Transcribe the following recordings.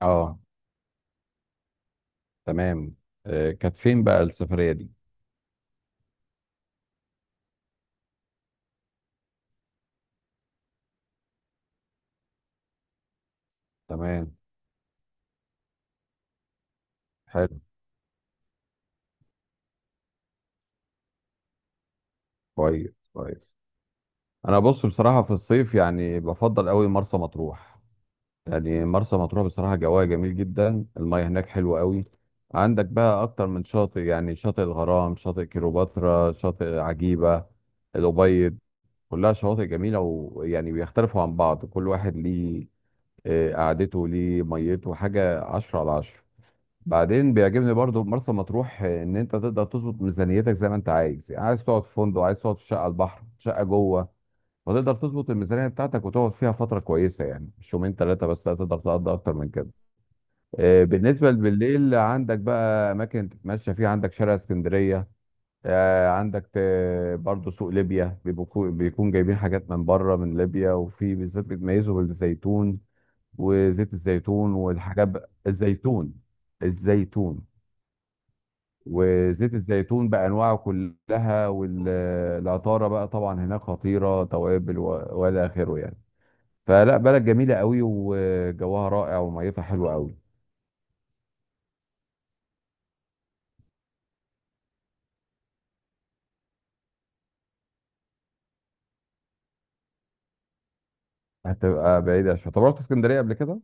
اه. تمام. كانت فين بقى السفرية دي؟ تمام. حلو. كويس كويس. انا بص بصراحة في الصيف يعني بفضل قوي مرسى مطروح. يعني مرسى مطروح بصراحة جواها جميل جدا، المياه هناك حلوة قوي. عندك بقى اكتر من شاطئ، يعني شاطئ الغرام، شاطئ كيلوباترا، شاطئ عجيبة، الأبيض. كلها شواطئ جميلة، ويعني بيختلفوا عن بعض، كل واحد ليه قعدته، ليه ميته حاجة، 10/10. بعدين بيعجبني برضو في مرسى مطروح ان انت تقدر تظبط ميزانيتك زي ما انت عايز، يعني عايز تقعد في فندق، عايز تقعد في شقه على البحر، شقه جوه. وتقدر تظبط الميزانيه بتاعتك وتقعد فيها فتره كويسه، يعني مش يومين 3 بس، لا تقدر تقضي اكتر من كده. بالنسبه بالليل عندك بقى اماكن تتمشى فيها، عندك شارع اسكندريه. عندك برضو سوق ليبيا، بيكون جايبين حاجات من بره من ليبيا، وفي بالذات بيتميزوا بالزيتون وزيت الزيتون الزيتون. الزيتون وزيت الزيتون بانواعه كلها، والعطاره بقى طبعا هناك خطيره، توابل والى اخره يعني. فلا، بلد جميله قوي وجوها رائع وميتها حلوه قوي. هتبقى بعيده شويه. طب رحت اسكندريه قبل كده؟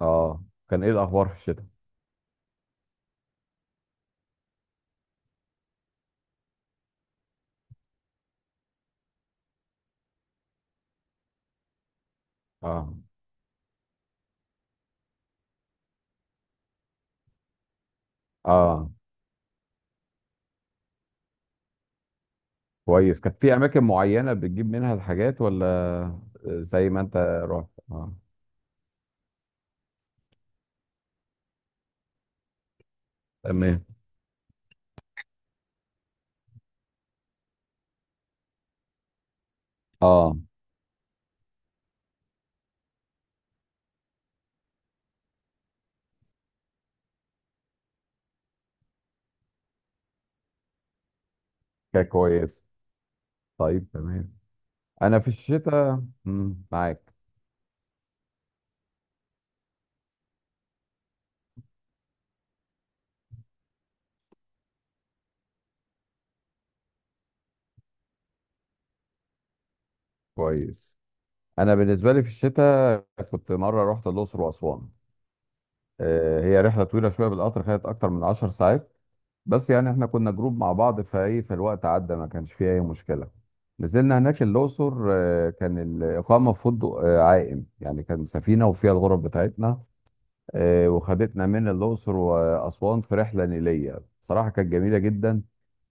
اه. كان ايه الاخبار في الشتاء؟ اه. اه. كويس. كانت في اماكن معينه بتجيب منها الحاجات ولا؟ زي ما انت رحت. اه. تمام. اه. كانت كويس. طيب. تمام. انا في الشتاء معاك. كويس. انا بالنسبه لي في الشتاء كنت مره رحت الاقصر واسوان. هي رحله طويله شويه، بالقطر خدت اكتر من 10 ساعات، بس يعني احنا كنا جروب مع بعض فايه، فالوقت عدى ما كانش فيه اي مشكله. نزلنا هناك الاقصر، كان الاقامه في فندق عائم، يعني كان سفينه وفيها الغرف بتاعتنا. وخدتنا من الاقصر واسوان في رحله نيليه بصراحه كانت جميله جدا.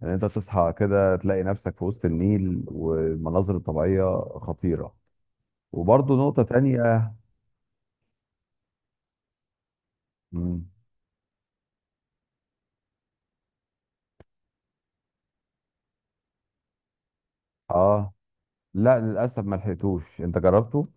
ان انت تصحى كده تلاقي نفسك في وسط النيل والمناظر الطبيعيه خطيره. وبرضه نقطه تانية. مم. اه، لا للاسف ما لحقتوش. انت جربته؟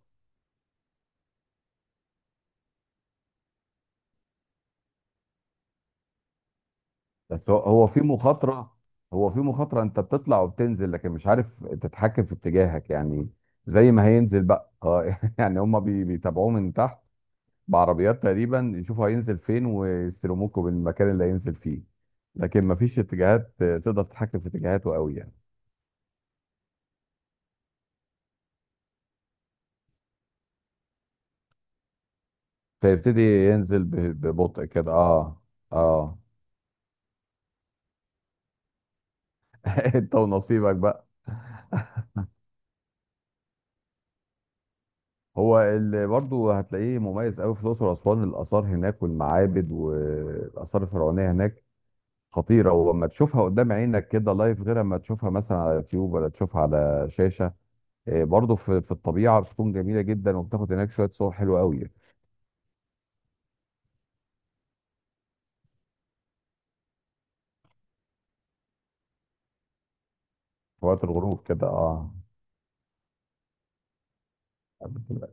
بس هو في مخاطره. هو في مخاطره، انت بتطلع وبتنزل لكن مش عارف تتحكم في اتجاهك يعني. زي ما هينزل بقى، اه. يعني هم بيتابعوه من تحت بعربيات تقريبا، يشوفوا هينزل فين ويستلموكوا بالمكان اللي هينزل فيه. لكن ما فيش اتجاهات تقدر تتحكم في اتجاهاته قوي يعني. فيبتدي ينزل ببطء كده، اه. اه. انت ونصيبك بقى. هو اللي برضه هتلاقيه مميز قوي في الاقصر واسوان، الاثار هناك والمعابد والاثار الفرعونيه هناك خطيره، ولما تشوفها قدام عينك كده لايف غير اما تشوفها مثلا على يوتيوب ولا تشوفها على شاشه. إيه، برضه في الطبيعه بتكون جميله جدا، وبتاخد هناك شويه صور حلوه قوي. في وقت الغروب كده، اه. بتبقى.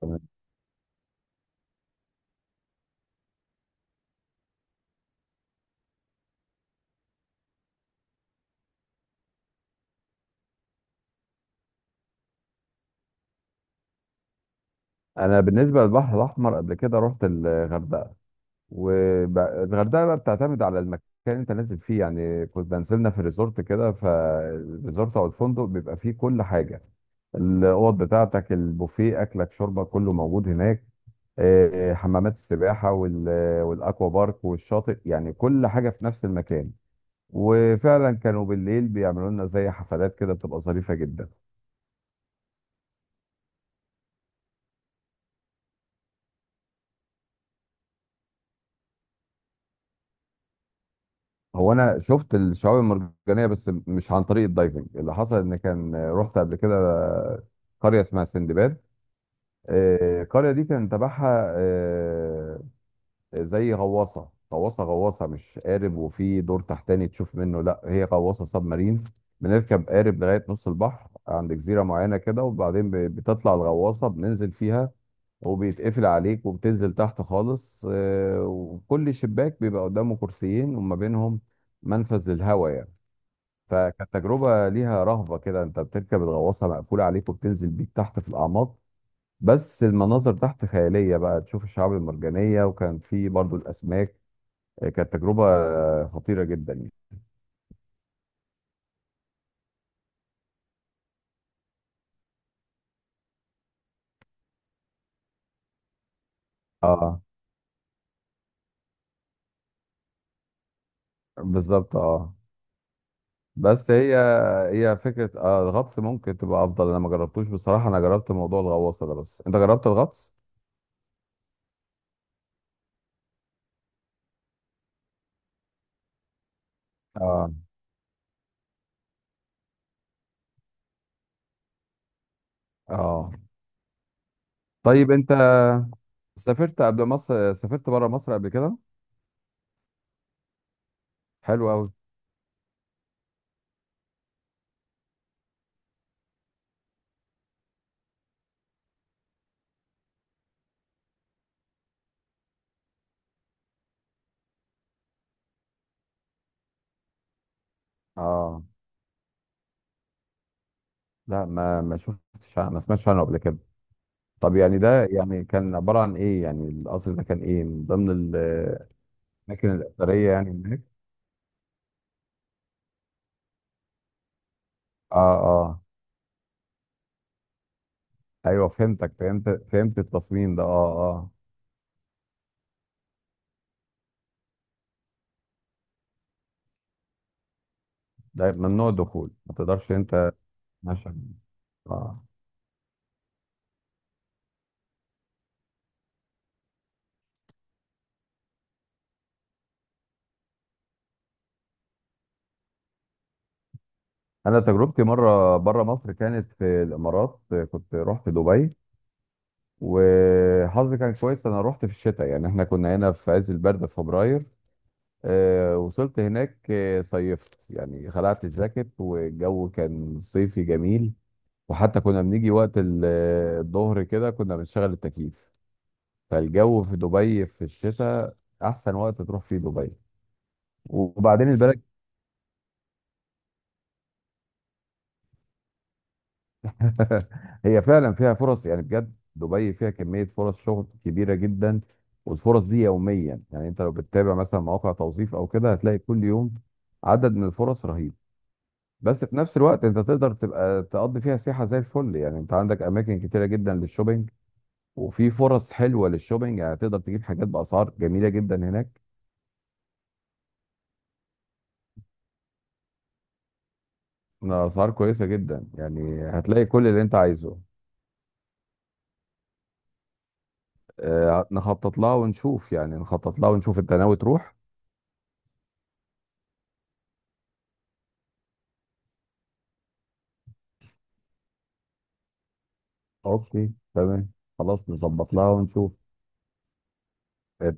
تمام. انا بالنسبه للبحر الاحمر قبل كده رحت الغردقه. والغردقه بقى بتعتمد على المكان اللي انت نازل فيه، يعني كنت بنزلنا في ريزورت كده، فالريزورت او الفندق بيبقى فيه كل حاجه، الاوض بتاعتك، البوفيه، اكلك، شربك، كله موجود هناك. حمامات السباحه والاكوا بارك والشاطئ، يعني كل حاجه في نفس المكان. وفعلا كانوا بالليل بيعملوا لنا زي حفلات كده بتبقى ظريفه جدا. هو انا شفت الشعاب المرجانيه بس مش عن طريق الدايفنج، اللي حصل ان كان رحت قبل كده قريه اسمها سندباد. القرية دي كان تبعها زي غواصة، مش قارب، وفي دور تحتاني تشوف منه، لا هي غواصة سب مارين. بنركب قارب لغاية نص البحر عند جزيرة معينة كده، وبعدين بتطلع الغواصة بننزل فيها، وبيتقفل عليك وبتنزل تحت خالص. وكل شباك بيبقى قدامه كرسيين وما بينهم منفذ للهواء يعني. فكانت تجربة ليها رهبة كده، انت بتركب الغواصة مقفولة عليك وبتنزل بيك تحت في الأعماق، بس المناظر تحت خيالية بقى، تشوف الشعاب المرجانية وكان في برضو الأسماك. كانت تجربة خطيرة جدا يعني. اه. بالظبط. اه. بس هي فكرة الغطس ممكن تبقى أفضل. أنا ما جربتوش بصراحة، أنا جربت موضوع الغواصة ده، بس أنت جربت الغطس؟ اه. اه. طيب. أنت سافرت قبل مصر، سافرت بره مصر قبل كده؟ حلو أوي. اه، لا ما شفتش، ما سمعتش عنه قبل كده. طب يعني ده، يعني كان عبارة عن إيه، يعني القصر ده كان إيه، من ضمن الأماكن الأثرية يعني هناك؟ اه. اه. ايوه، فهمتك، فهمت فهمت التصميم ده، اه. اه. ده ممنوع الدخول، ما تقدرش انت تتمشى. اه. انا تجربتي مره بره مصر كانت في الامارات، كنت رحت دبي. وحظي كان كويس، انا رحت في الشتاء، يعني احنا كنا هنا في عز البرد في فبراير. وصلت هناك صيفت يعني، خلعت الجاكيت، والجو كان صيفي جميل. وحتى كنا بنيجي وقت الظهر كده كنا بنشغل التكييف. فالجو في دبي في الشتاء احسن وقت تروح فيه دبي. وبعدين البلد. هي فعلا فيها فرص، يعني بجد دبي فيها كمية فرص شغل كبيرة جدا. والفرص دي يوميا، يعني انت لو بتتابع مثلا مواقع توظيف او كده هتلاقي كل يوم عدد من الفرص رهيب. بس في نفس الوقت انت تقدر تبقى تقضي فيها سياحة زي الفل، يعني انت عندك اماكن كتيرة جدا للشوبينج، وفي فرص حلوة للشوبينج، يعني تقدر تجيب حاجات بأسعار جميلة جدا هناك. أسعار كويسة جدا يعني، هتلاقي كل اللي أنت عايزه. نخطط لها ونشوف يعني، نخطط لها ونشوف. انت ناوي تروح؟ اوكي. تمام. خلاص، نظبط لها ونشوف. انت